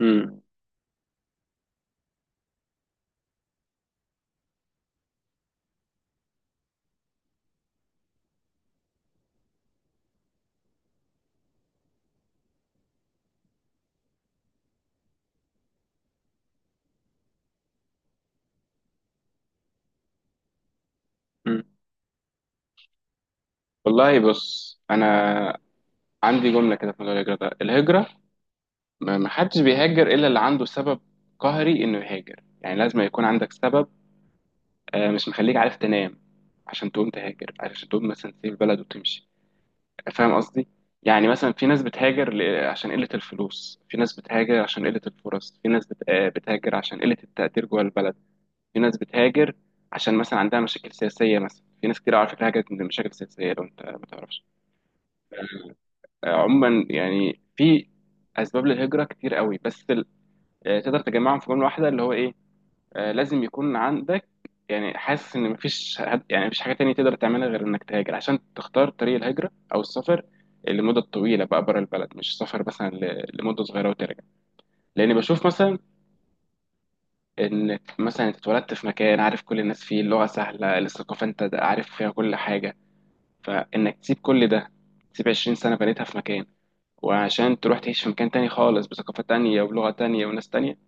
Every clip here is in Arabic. امم امم والله، بص انا عندي جمله كده في موضوع الهجره ده. الهجره ما حدش بيهاجر الا اللي عنده سبب قهري انه يهاجر، يعني لازم يكون عندك سبب مش مخليك عارف تنام عشان تقوم تهاجر، عشان تقوم مثلا تسيب البلد وتمشي، فاهم قصدي؟ يعني مثلا في ناس بتهاجر عشان قله الفلوس، في ناس بتهاجر عشان قله الفرص، في ناس بتهاجر عشان قله التقدير جوه البلد. في ناس بتهاجر عشان مثلا عندها مشاكل سياسيه، مثلا في ناس كتير على فكره هاجرت من مشاكل سياسيه لو انت ما تعرفش. عموما يعني في اسباب للهجره كتير قوي، بس يعني تقدر تجمعهم في جمله واحده اللي هو ايه؟ لازم يكون عندك، يعني حاسس ان يعني مفيش حاجه تانية تقدر تعملها غير انك تهاجر، عشان تختار طريق الهجره او السفر لمده طويله بقى بره البلد، مش سفر مثلا لمده صغيره وترجع. لان بشوف مثلا ان مثلا انت اتولدت في مكان عارف كل الناس فيه، اللغه سهله، الثقافه انت عارف فيها كل حاجه، فانك تسيب كل ده، تسيب 20 سنه بنيتها في مكان، وعشان تروح تعيش في مكان تاني خالص بثقافة تانية وبلغة تانية وناس تانية،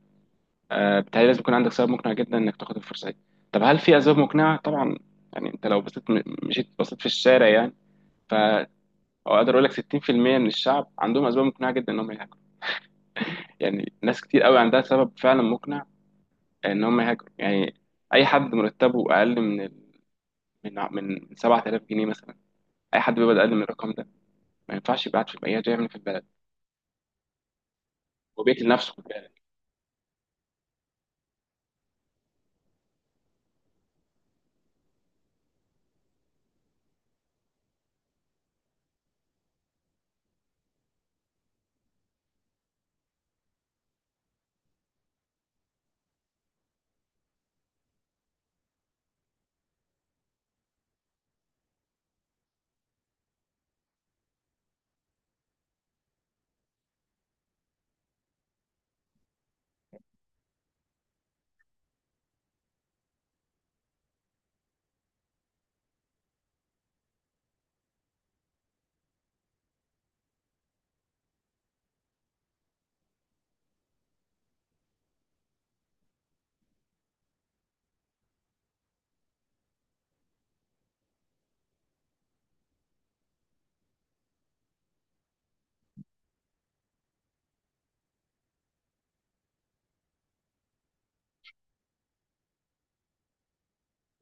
بتهيألي لازم يكون عندك سبب مقنع جدا إنك تاخد الفرصة دي. طب هل في أسباب مقنعة؟ طبعا. يعني أنت لو بصيت مشيت بصيت في الشارع يعني، ف أو أقدر أقول لك 60% من الشعب عندهم أسباب مقنعة جدا إن هم يهاجروا. يعني ناس كتير قوي عندها سبب فعلا مقنع إن هم يهاجروا. يعني أي حد مرتبه أقل من من 7000 جنيه مثلا، أي حد بيقبض أقل من الرقم ده ما ينفعش يبقى قاعد في البلد، يعمل إيه في البلد وبيقتل نفسه في البلد؟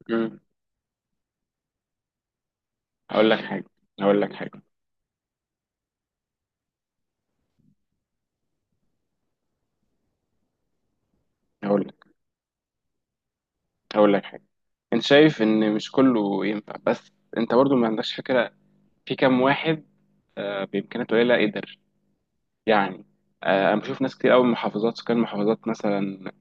مم. هقول لك حاجة هقول لك حاجة هقول لك هقول لك حاجه. انت شايف ان مش كله ينفع، بس انت برضو ما عندكش فكره في كام واحد بامكانيات قليله قدر. يعني انا بشوف ناس كتير قوي من محافظات، سكان محافظات مثلا،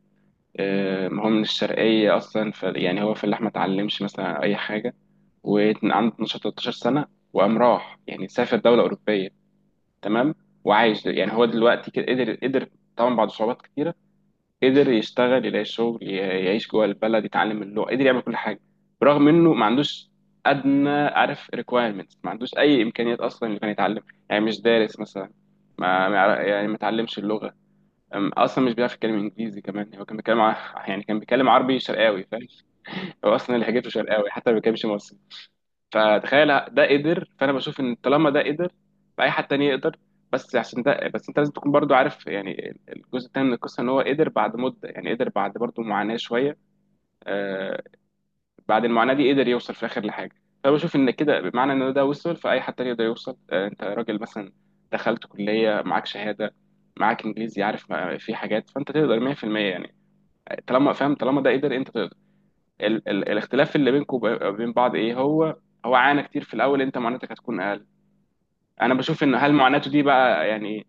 ما هو من الشرقيه اصلا، ف يعني هو في اللحمه ما اتعلمش مثلا اي حاجه، وعنده 12 13 سنه، وقام راح يعني سافر دوله اوروبيه، تمام؟ وعايش، يعني هو دلوقتي كده قدر طبعا بعد صعوبات كتيره، قدر يشتغل، يلاقي شغل، يعيش جوه البلد، يتعلم اللغه، قدر يعمل كل حاجه، برغم انه ما عندوش ادنى، عارف، requirements، ما عندوش اي امكانيات اصلا انه كان يتعلم. يعني مش دارس مثلا، ما ما يعرف- يعني ما اتعلمش اللغه، اصلا مش بيعرف يتكلم انجليزي كمان، هو كان بيتكلم يعني كان بيتكلم عربي شرقاوي، فاهم؟ هو اصلا لهجته شرقاوي حتى ما بيتكلمش مصري. فتخيل ده قدر، فانا بشوف ان طالما ده قدر فاي حد تاني يقدر. بس عشان ده، بس انت لازم تكون برضو عارف يعني الجزء التاني من القصه، ان هو قدر بعد مده، يعني قدر بعد برضو معاناه شويه، آه بعد المعاناه دي قدر يوصل في الاخر لحاجه. فبشوف ان كده، بمعنى ان ده وصل فاي حد تاني يقدر يوصل. آه انت راجل مثلا، دخلت كليه، معاك شهاده، معاك انجليزي، عارف، ما- في حاجات، فانت تقدر 100% يعني، طالما فاهم، طالما ده قدر انت تقدر. ال ال الاختلاف اللي بينكم وبين بعض ايه هو؟ هو عانى كتير في الاول، انت معاناتك هتكون اقل. انا بشوف ان هل معاناته دي بقى يعني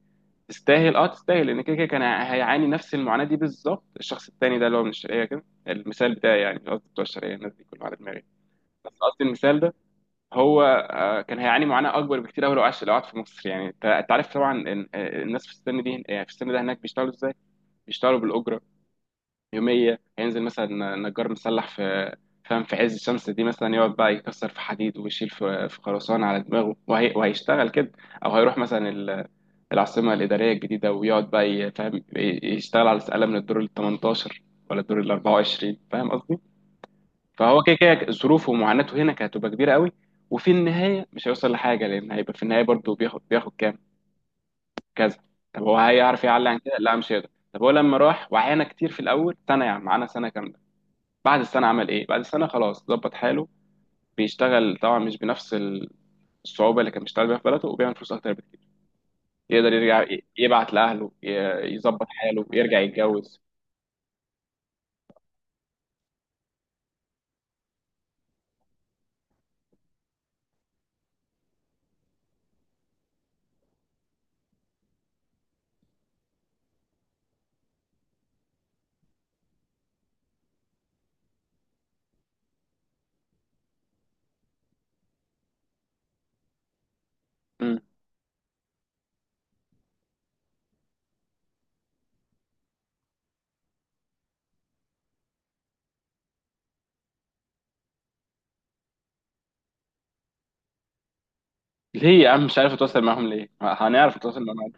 تستاهل؟ اه تستاهل، لان كده كده كان هيعاني نفس المعاناه دي بالظبط. الشخص التاني ده اللي هو من الشرقيه كده، المثال بتاعي يعني، قصدي بتوع الشرقيه الناس دي كلهم على دماغي، بس قصدي المثال ده، هو كان هيعاني معاناه اكبر بكتير قوي لو عاش، لو قعد في مصر يعني. انت، أنت عارف طبعا الناس في السن دي، يعني في السن ده هناك بيشتغلوا ازاي؟ بيشتغلوا بالاجره يوميه، هينزل مثلا نجار مسلح في، فاهم، في عز الشمس دي مثلا، يقعد بقى يكسر في حديد ويشيل في في خرسانه على دماغه، وهي وهيشتغل كده. او هيروح مثلا العاصمه الاداريه الجديده، ويقعد بقى فاهم، يشتغل على سقاله من الدور ال 18 ولا الدور ال 24، فاهم قصدي؟ فهو كده كده ظروفه ومعاناته هنا كانت هتبقى كبيره قوي، وفي النهايه مش هيوصل لحاجه، لان هيبقى في النهايه برضه بياخد كام، كذا. طب هو هيعرف يعلي عن كده؟ لا مش هيقدر. طب هو لما راح وعانى كتير في الاول سنه، يعني معانا سنه كامله، بعد السنة عمل إيه؟ بعد السنة خلاص ظبط حاله. بيشتغل طبعا مش بنفس الصعوبة اللي كان بيشتغل بيها في بلده، وبيعمل فلوس أكتر بكتير. يقدر يرجع يبعت لأهله، يظبط حاله، يرجع يتجوز. مم. ليه يا عم مش عارف أتواصل معاهم ليه؟ ما هنعرف نتواصل معاهم.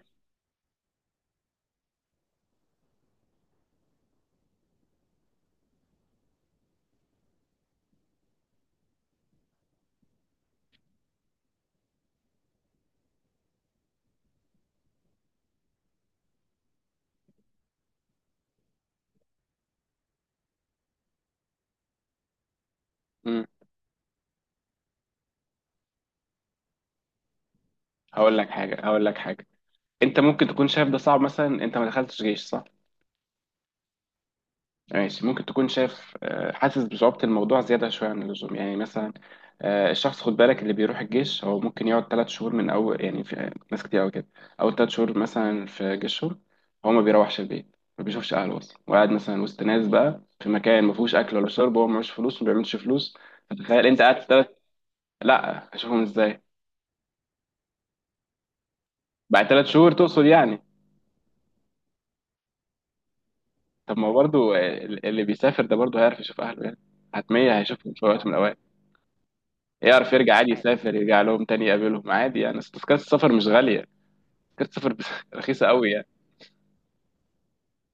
مم. هقول لك حاجة، أنت ممكن تكون شايف ده صعب مثلا. أنت ما دخلتش جيش، صح؟ ماشي، ممكن تكون شاف، حاسس بصعوبة الموضوع زيادة شوية عن اللزوم يعني. مثلا الشخص، خد بالك، اللي بيروح الجيش هو ممكن يقعد 3 شهور من أول، يعني في ناس كتير أوي كده، أول 3 شهور مثلا في جيشهم هو ما بيروحش البيت، ما بيشوفش أهله أصلا، وقاعد مثلا وسط ناس بقى في مكان ما فيهوش أكل ولا شرب، وهو معهوش فلوس، ما بيعملش فلوس. فتخيل أنت قاعد ثلاث، لا هشوفهم إزاي، بعد 3 شهور تقصد يعني؟ طب ما هو برضه، اللي بيسافر ده برضه هيعرف يشوف أهله يعني، حتمية هيشوفهم في وقت من الأوقات. يعرف يرجع عادي، يسافر يرجع لهم تاني يقابلهم عادي يعني، أصل تذكرة السفر مش غالية، تذكرة السفر رخيصة قوي يعني.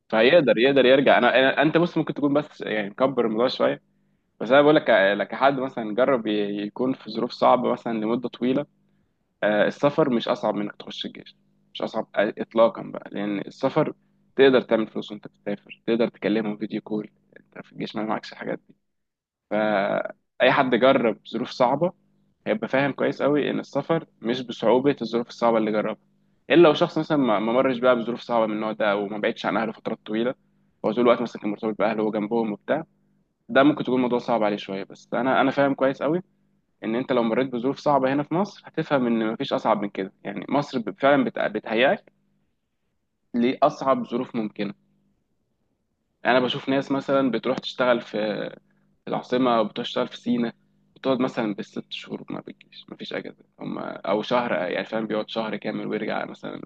فهيقدر، يقدر يرجع. انت بص ممكن تكون بس يعني مكبر الموضوع شوية، بس انا بقول لك، لك حد مثلا جرب يكون في ظروف صعبة مثلا لمدة طويلة. السفر مش اصعب من انك تخش الجيش، مش اصعب اطلاقا بقى، لان السفر تقدر تعمل فلوس وانت بتسافر، تقدر تكلمهم فيديو كول، انت في الجيش ما معكش الحاجات دي. فأي حد جرب ظروف صعبة هيبقى فاهم كويس قوي إن السفر مش بصعوبة الظروف الصعبة اللي جربها، إلا لو شخص مثلا ما مرش بقى بظروف صعبة من النوع ده، أو ما بعدش عن أهله فترات طويلة، هو طول الوقت مثلا كان مرتبط بأهله وجنبهم وبتاع، ده ممكن تكون الموضوع صعب عليه شوية. بس أنا فاهم كويس قوي إن أنت لو مريت بظروف صعبة هنا في مصر هتفهم إن مفيش أصعب من كده يعني، مصر فعلا بتهيأك لأصعب ظروف ممكنة. أنا بشوف ناس مثلا بتروح تشتغل في العاصمة وبتشتغل في سينا، بتقعد مثلا بالست شهور ما بتجيش، مفيش أجازة هم أو شهر، يعني فاهم، بيقعد شهر كامل ويرجع مثلا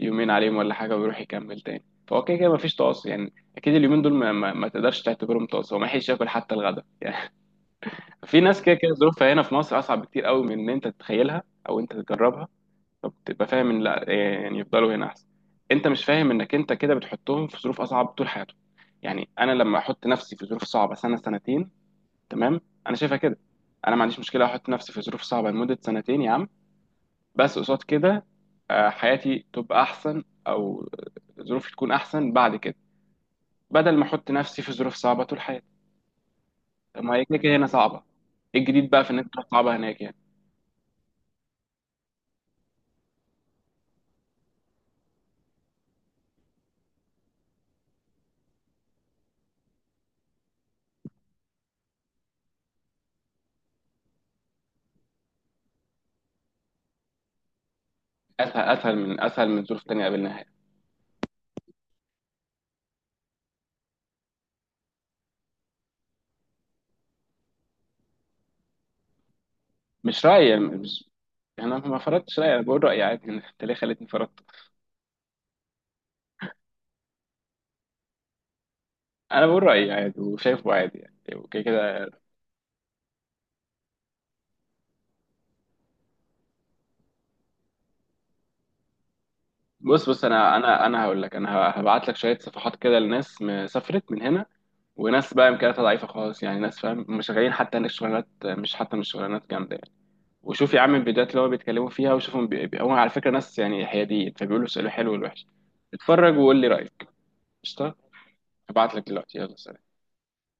يومين عليهم ولا حاجة ويروح يكمل تاني، فهو كده كده مفيش تواصل، يعني أكيد اليومين دول ما تقدرش تعتبرهم تواصل، هو ما يحيش ياكل حتى الغدا يعني. في ناس كده كده ظروفها هنا في مصر أصعب بكتير قوي من إن أنت تتخيلها أو أنت تجربها، فبتبقى فاهم إن لا، يعني يفضلوا هنا أحسن. أنت مش فاهم إنك أنت كده بتحطهم في ظروف أصعب طول حياتهم، يعني أنا لما أحط نفسي في ظروف صعبة سنة سنتين، تمام؟ انا شايفها كده، انا ما عنديش مشكله احط نفسي في ظروف صعبه لمده سنتين يا عم، بس قصاد كده حياتي تبقى احسن او ظروفي تكون احسن بعد كده، بدل ما احط نفسي في ظروف صعبه طول حياتي. طب ما هي كده كده هنا صعبه، ايه الجديد بقى في ان انت تروح صعبه هناك يعني؟ اسهل، اسهل من ظروف تانية قابلناها يعني. مش رايي يعني مش يعني انا ما فرضتش رايي، انا بقول رايي عادي انت ليه خليتني فرضت؟ انا بقول رايي عادي وشايفه عادي يعني وكده كده. بص، بص انا هقول لك. انا هبعت لك شويه صفحات كده لناس سافرت من هنا، وناس بقى امكانياتها ضعيفه خالص، يعني ناس فاهم مش غايين حتى ان الشغلانات، مش حتى مش شغلانات جامده يعني. وشوف يا عم الفيديوهات اللي هو بيتكلموا فيها، وشوفهم هو على فكره ناس يعني حياديين، فبيقولوا السؤال الحلو والوحش. اتفرج وقول لي رايك. قشطه. هبعت لك دلوقتي، يلا سلام.